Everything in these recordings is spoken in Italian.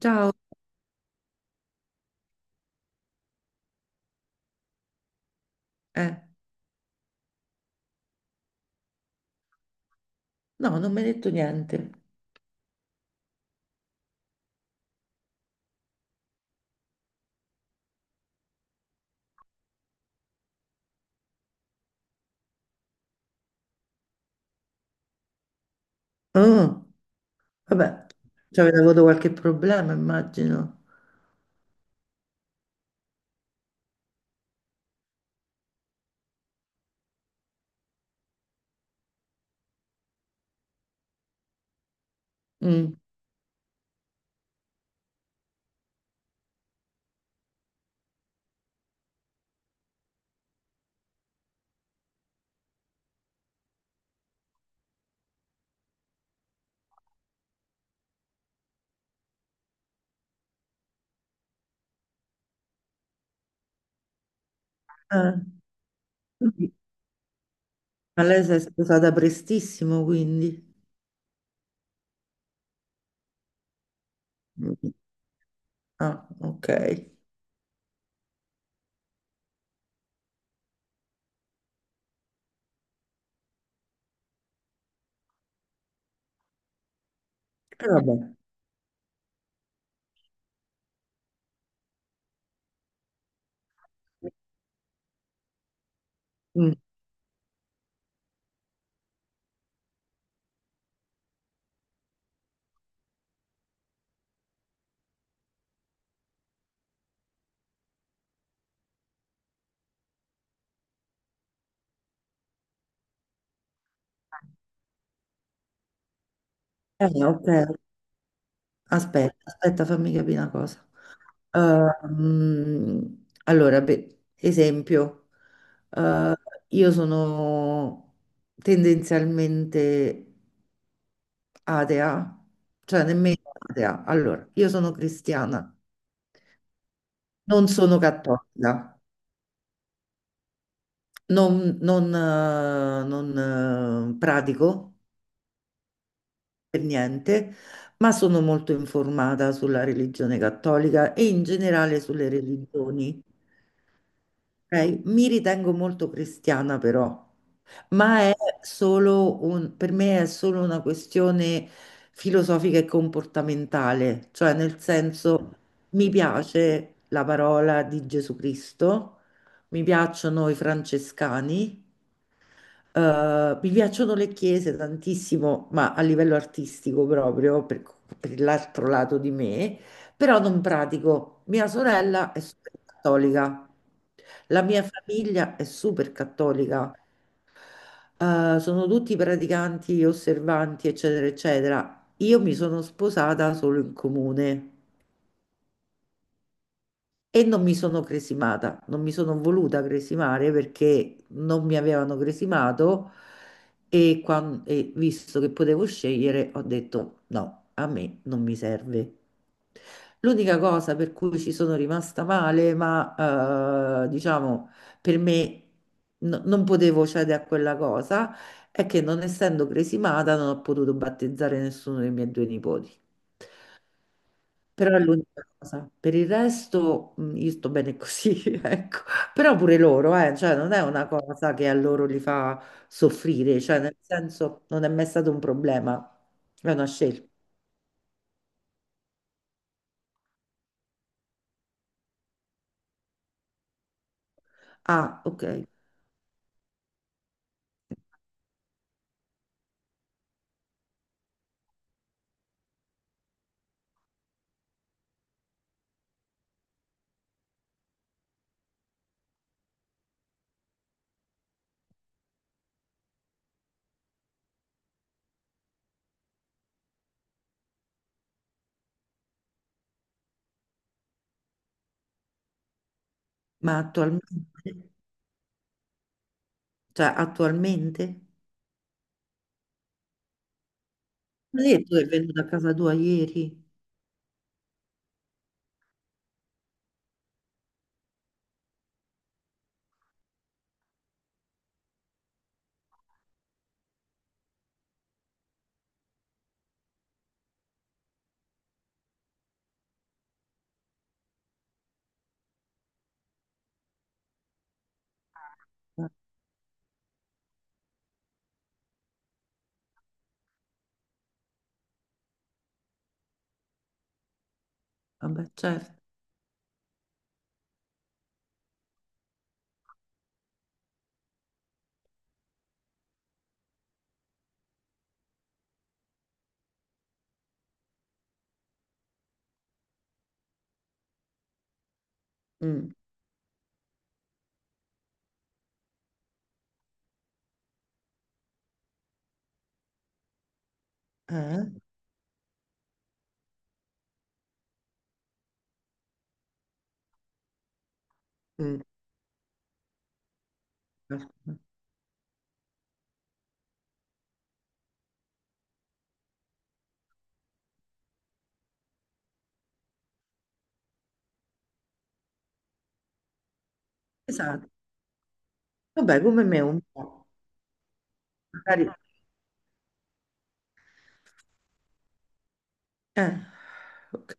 Ciao, eh, no, non mi hai detto niente. Oh, vabbè, ci avete avuto qualche problema, immagino. Mm. Eh, Ma lei si è sposata prestissimo, quindi. Mm. Ah, ok. E vabbè. Mm. Ok. Aspetta, aspetta, fammi capire una cosa. Allora, beh, esempio, eh, io sono tendenzialmente atea, cioè nemmeno atea. Allora, io sono cristiana, non sono cattolica, non pratico per niente, ma sono molto informata sulla religione cattolica e in generale sulle religioni. Ok? Mi ritengo molto cristiana però. Ma è solo per me è solo una questione filosofica e comportamentale, cioè nel senso mi piace la parola di Gesù Cristo, mi piacciono i francescani, mi piacciono le chiese tantissimo, ma a livello artistico proprio, per l'altro lato di me, però non pratico. Mia sorella è super cattolica, la mia famiglia è super cattolica, sono tutti praticanti, osservanti, eccetera, eccetera. Io mi sono sposata solo in comune e non mi sono cresimata, non mi sono voluta cresimare perché non mi avevano cresimato e, e visto che potevo scegliere ho detto no, a me non mi serve. L'unica cosa per cui ci sono rimasta male, ma diciamo per me non potevo cedere a quella cosa, è che non essendo cresimata non ho potuto battezzare nessuno dei miei due nipoti. Però è l'unica cosa. Per il resto, io sto bene così, ecco. Però pure loro, cioè non è una cosa che a loro li fa soffrire, cioè nel senso non è mai stato un problema, è una scelta. Ah, ok, ma attualmente. Cioè, attualmente? Ma lei tu è venuta a casa tua ieri? Eh, Vabbè, certo. Mm. Eh? Mm. Esatto. Vabbè, come me un po'. Magari. Eh, ok.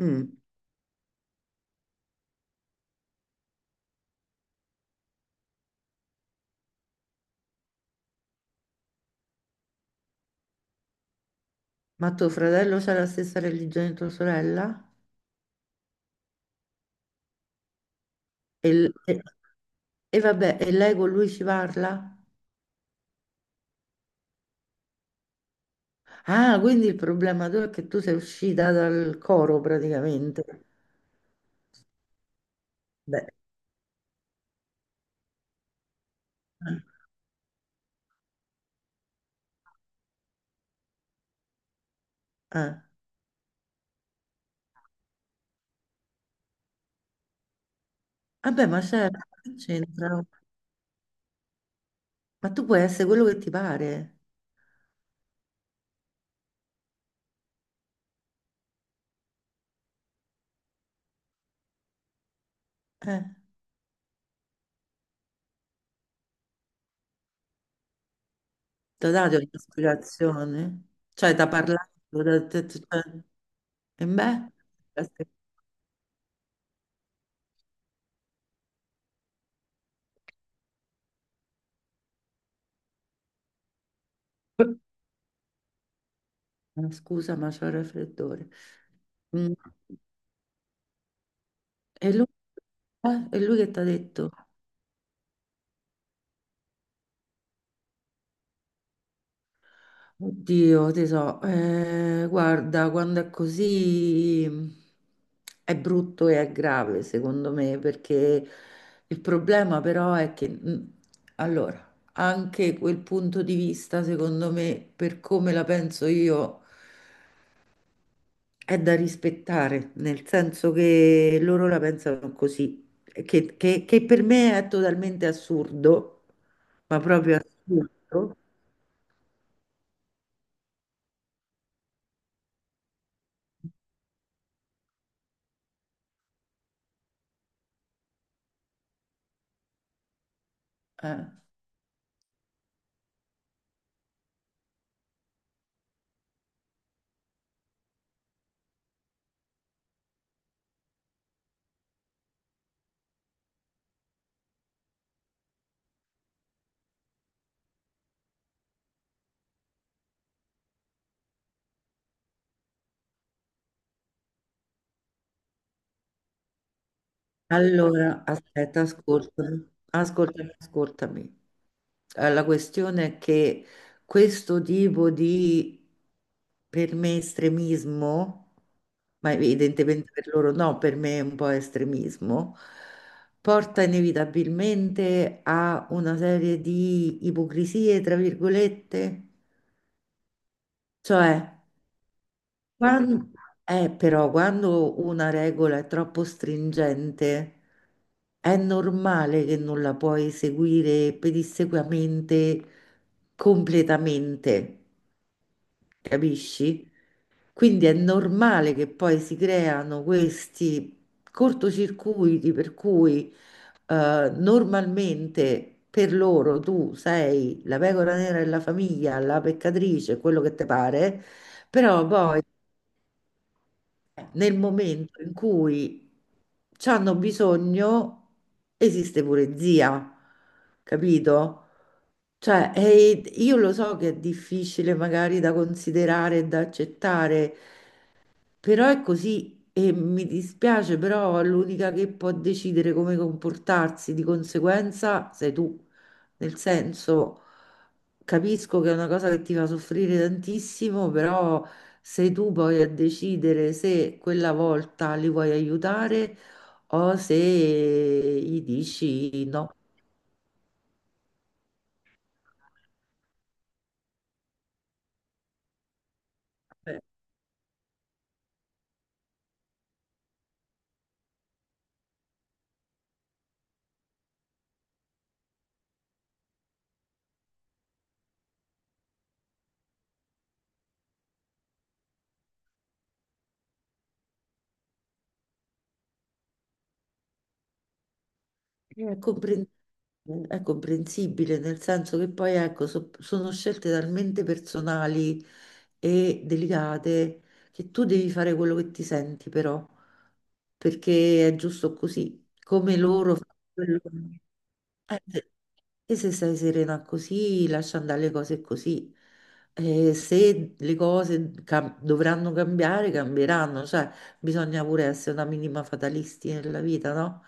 Mm. Ma tuo fratello c'ha la stessa religione di tua sorella? E, l- e- e vabbè, e lei con lui ci parla? Ah, quindi il problema tuo è che tu sei uscita dal coro praticamente. Beh, eh, eh. Vabbè, ma certo, che c'entra. Ma tu puoi essere quello che ti pare. Eh. Ti ho dato un'ispirazione? Cioè, ti ha parlato? T'ha detto? E beh, aspetta. Scusa, ma c'ho il raffreddore. Mm. E lui, e lui che ti ha detto? Oddio, ti so, guarda, quando è così è brutto e è grave, secondo me, perché il problema però è che, allora, anche quel punto di vista, secondo me, per come la penso io, è da rispettare, nel senso che loro la pensano così, che per me è totalmente assurdo, ma proprio assurdo. Eh. Allora, aspetta, ascoltami, ascoltami, ascoltami. La questione è che questo tipo di, per me, estremismo, ma evidentemente per loro no, per me è un po' estremismo, porta inevitabilmente a una serie di ipocrisie, tra virgolette, cioè. Quan- però quando una regola è troppo stringente, è normale che non la puoi seguire pedissequamente, completamente, capisci? Quindi è normale che poi si creano questi cortocircuiti per cui normalmente per loro tu sei la pecora nera della famiglia, la peccatrice, quello che ti pare. Però poi nel momento in cui ci hanno bisogno, esiste pure zia, capito? Cioè, e io lo so che è difficile magari da considerare e da accettare, però è così e mi dispiace, però l'unica che può decidere come comportarsi di conseguenza sei tu. Nel senso, capisco che è una cosa che ti fa soffrire tantissimo, però sei tu poi a decidere se quella volta li vuoi aiutare o se gli dici no. È compren- è comprensibile, nel senso che poi ecco, sono scelte talmente personali e delicate che tu devi fare quello che ti senti, però, perché è giusto così, come loro fanno quello. Eh, E se sei serena così, lascia andare le cose così. E se le cose dovranno cambiare, cambieranno, cioè bisogna pure essere una minima fatalisti nella vita, no?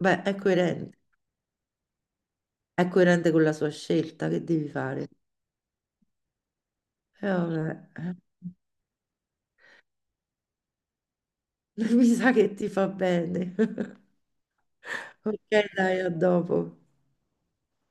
Beh, è coerente. È coerente con la sua scelta, che devi fare? E vabbè, mi sa che ti fa bene. Ok, dai, a dopo.